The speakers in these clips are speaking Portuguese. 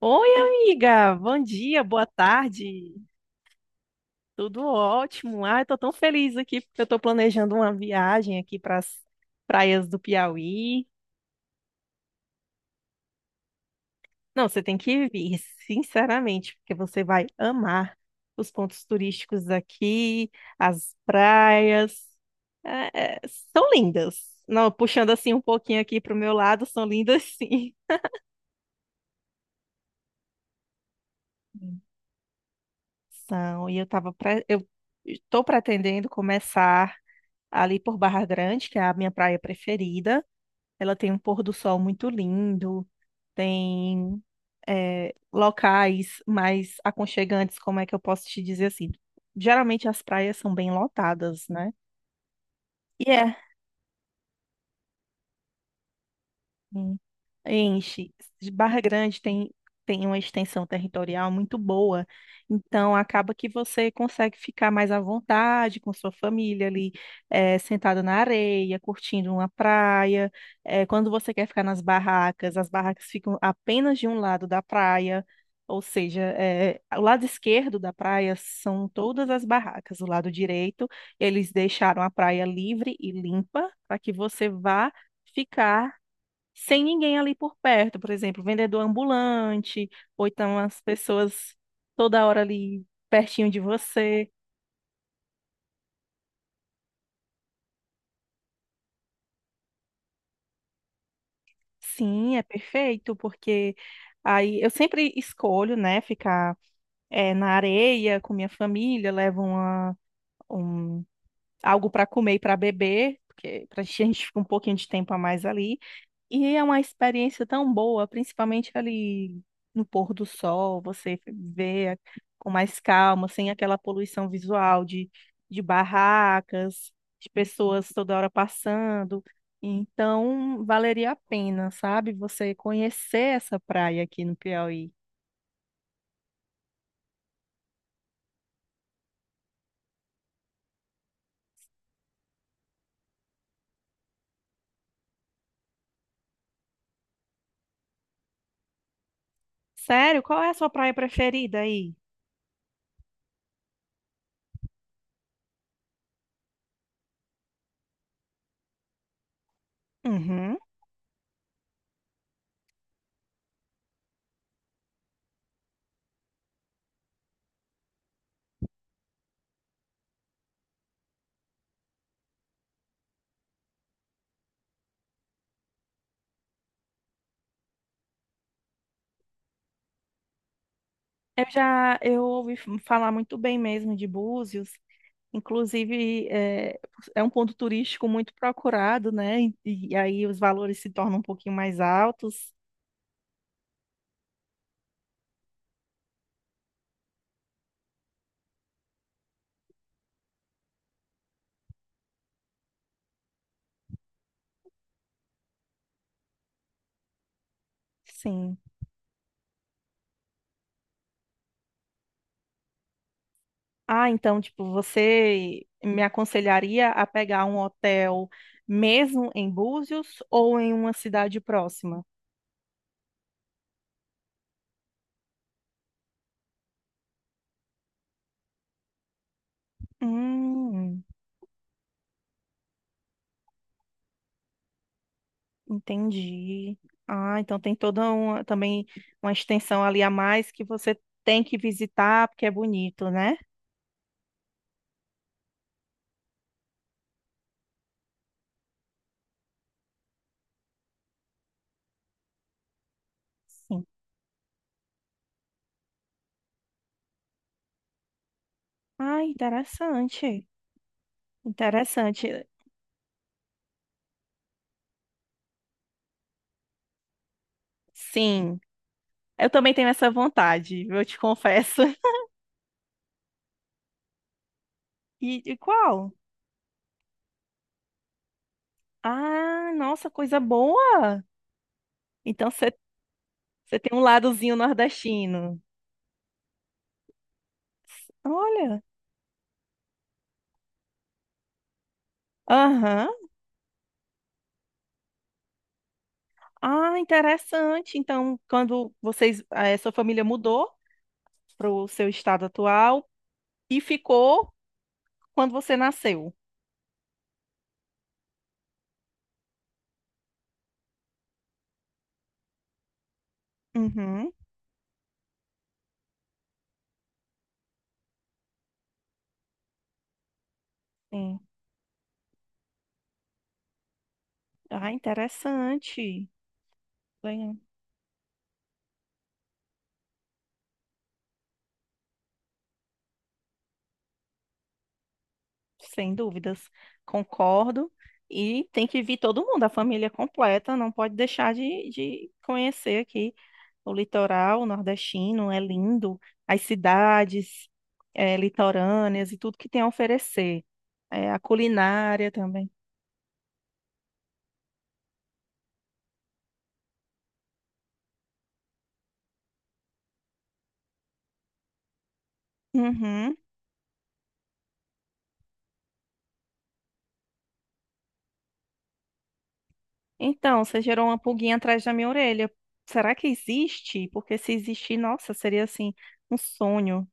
Oi, amiga. Bom dia, boa tarde. Tudo ótimo. Ai, tô tão feliz aqui porque eu tô planejando uma viagem aqui para as praias do Piauí. Não, você tem que vir, sinceramente, porque você vai amar os pontos turísticos daqui, as praias. É, são lindas. Não, puxando assim um pouquinho aqui pro meu lado, são lindas sim. São. E eu estou pretendendo começar ali por Barra Grande, que é a minha praia preferida. Ela tem um pôr do sol muito lindo, tem locais mais aconchegantes, como é que eu posso te dizer assim? Geralmente as praias são bem lotadas, né? E é. Hum. Enche. Barra Grande tem uma extensão territorial muito boa, então acaba que você consegue ficar mais à vontade com sua família ali, sentada na areia, curtindo uma praia. Quando você quer ficar nas barracas, as barracas ficam apenas de um lado da praia, ou seja, o lado esquerdo da praia são todas as barracas, o lado direito, eles deixaram a praia livre e limpa para que você vá. Ficar sem ninguém ali por perto, por exemplo, vendedor ambulante, ou então as pessoas toda hora ali pertinho de você. Sim, é perfeito, porque aí eu sempre escolho, né, ficar na areia com minha família, levo uma, um, algo para comer e para beber, porque pra gente, a gente fica um pouquinho de tempo a mais ali. E é uma experiência tão boa, principalmente ali no pôr do sol, você com mais calma, sem aquela poluição visual de barracas, de pessoas toda hora passando. Então, valeria a pena, sabe? Você conhecer essa praia aqui no Piauí. Sério? Qual é a sua praia preferida aí? Uhum. Eu já eu ouvi falar muito bem mesmo de Búzios. Inclusive, é um ponto turístico muito procurado, né? E aí os valores se tornam um pouquinho mais altos. Sim. Ah, então, tipo, você me aconselharia a pegar um hotel mesmo em Búzios ou em uma cidade próxima? Hum, entendi. Ah, então tem toda uma, também uma extensão ali a mais que você tem que visitar porque é bonito, né? Sim. Ah, interessante. Interessante. Sim, eu também tenho essa vontade, eu te confesso. E qual? Ah, nossa, coisa boa! Então você tem um ladozinho nordestino. Olha, aham. Ah, interessante. Então, quando vocês, a sua família mudou para o seu estado atual e ficou quando você nasceu. Uhum, sim. Ah, interessante. Bem, sem dúvidas, concordo. E tem que vir todo mundo, a família completa, não pode deixar de conhecer aqui o litoral nordestino, é lindo, as cidades litorâneas e tudo que tem a oferecer. A culinária também. Uhum. Então, você gerou uma pulguinha atrás da minha orelha. Será que existe? Porque se existir, nossa, seria assim, um sonho.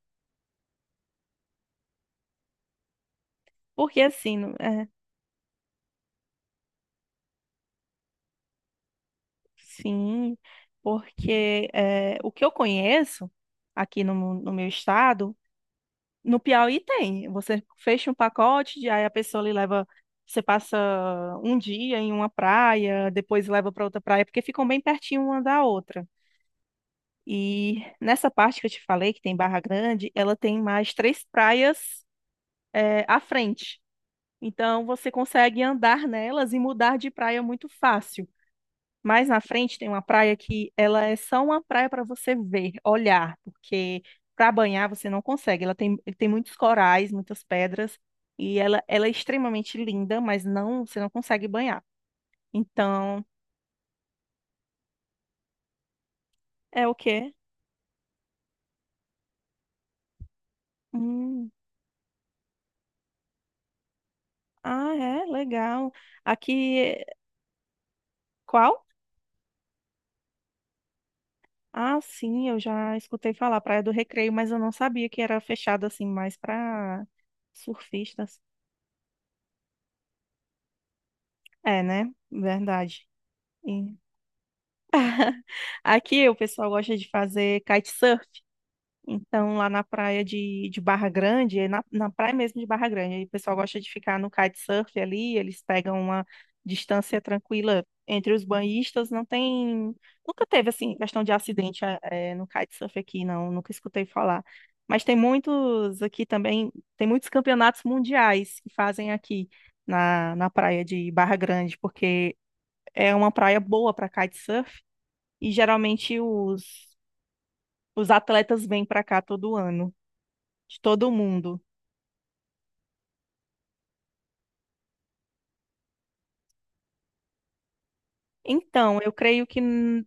Porque assim, no- Sim, porque é, o que eu conheço aqui no, no meu estado, no Piauí tem. Você fecha um pacote, aí a pessoa lhe leva, você passa um dia em uma praia, depois leva para outra praia, porque ficam bem pertinho uma da outra. E nessa parte que eu te falei, que tem Barra Grande, ela tem mais três praias à frente. Então você consegue andar nelas e mudar de praia muito fácil. Mais na frente tem uma praia que ela é só uma praia para você ver, olhar, porque para banhar você não consegue. Ela tem muitos corais, muitas pedras, e ela é extremamente linda, mas não, você não consegue banhar. Então, é o quê? Hum, ah, é, legal. Aqui, qual? Ah, sim, eu já escutei falar, Praia do Recreio, mas eu não sabia que era fechada assim mais para surfistas. É, né? Verdade. E- Aqui o pessoal gosta de fazer kitesurf. Então, lá na praia de Barra Grande, é na, na praia mesmo de Barra Grande, aí o pessoal gosta de ficar no kitesurf ali, eles pegam uma distância tranquila entre os banhistas, não tem... Nunca teve, assim, questão de acidente no kitesurf aqui, não, nunca escutei falar. Mas tem muitos aqui também, tem muitos campeonatos mundiais que fazem aqui na, na praia de Barra Grande, porque é uma praia boa para kitesurf, e geralmente os atletas vêm para cá todo ano, de todo mundo. Então, eu creio que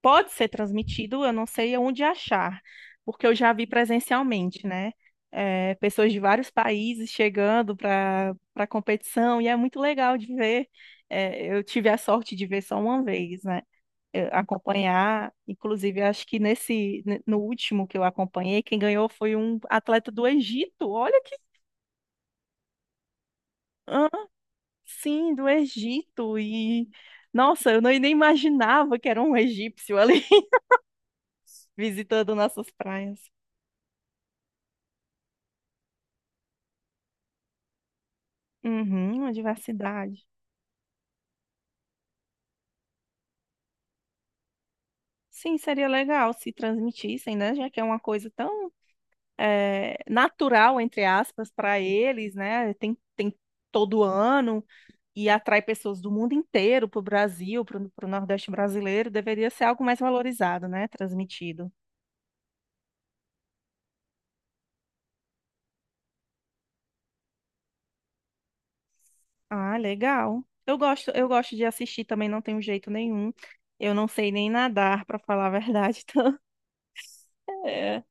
pode ser transmitido, eu não sei onde achar, porque eu já vi presencialmente, né? É, pessoas de vários países chegando para para a competição, e é muito legal de ver. É, eu tive a sorte de ver só uma vez, né? Eu acompanhar, inclusive, eu acho que no último que eu acompanhei, quem ganhou foi um atleta do Egito. Olha que. Sim, do Egito. E nossa, eu não- nem imaginava que era um egípcio ali visitando nossas praias. Uhum, uma diversidade. Sim, seria legal se transmitissem, né? Já que é uma coisa tão natural, entre aspas, para eles, né? Tem todo ano e atrai pessoas do mundo inteiro para o Brasil, para o Nordeste brasileiro. Deveria ser algo mais valorizado, né? Transmitido. Ah, legal. Eu gosto de assistir também, não tenho jeito nenhum. Eu não sei nem nadar, pra falar a verdade. Então, é,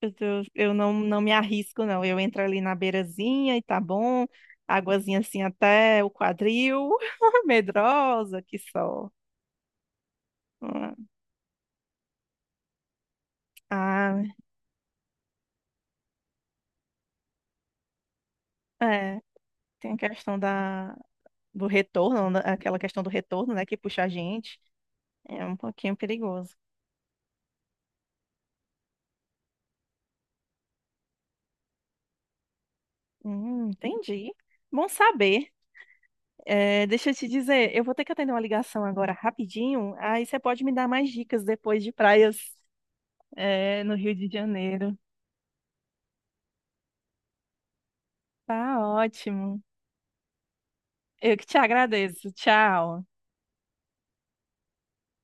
eu, eu não, não me arrisco, não. Eu entro ali na beirazinha e tá bom. Águazinha assim até o quadril. Medrosa, que só. Ah, ah, é. Tem a questão da, do retorno, né, aquela questão do retorno, né, que puxa a gente. É um pouquinho perigoso. Entendi. Bom saber. É, deixa eu te dizer, eu vou ter que atender uma ligação agora rapidinho, aí você pode me dar mais dicas depois de praias, é, no Rio de Janeiro. Tá ótimo. Eu que te agradeço. Tchau.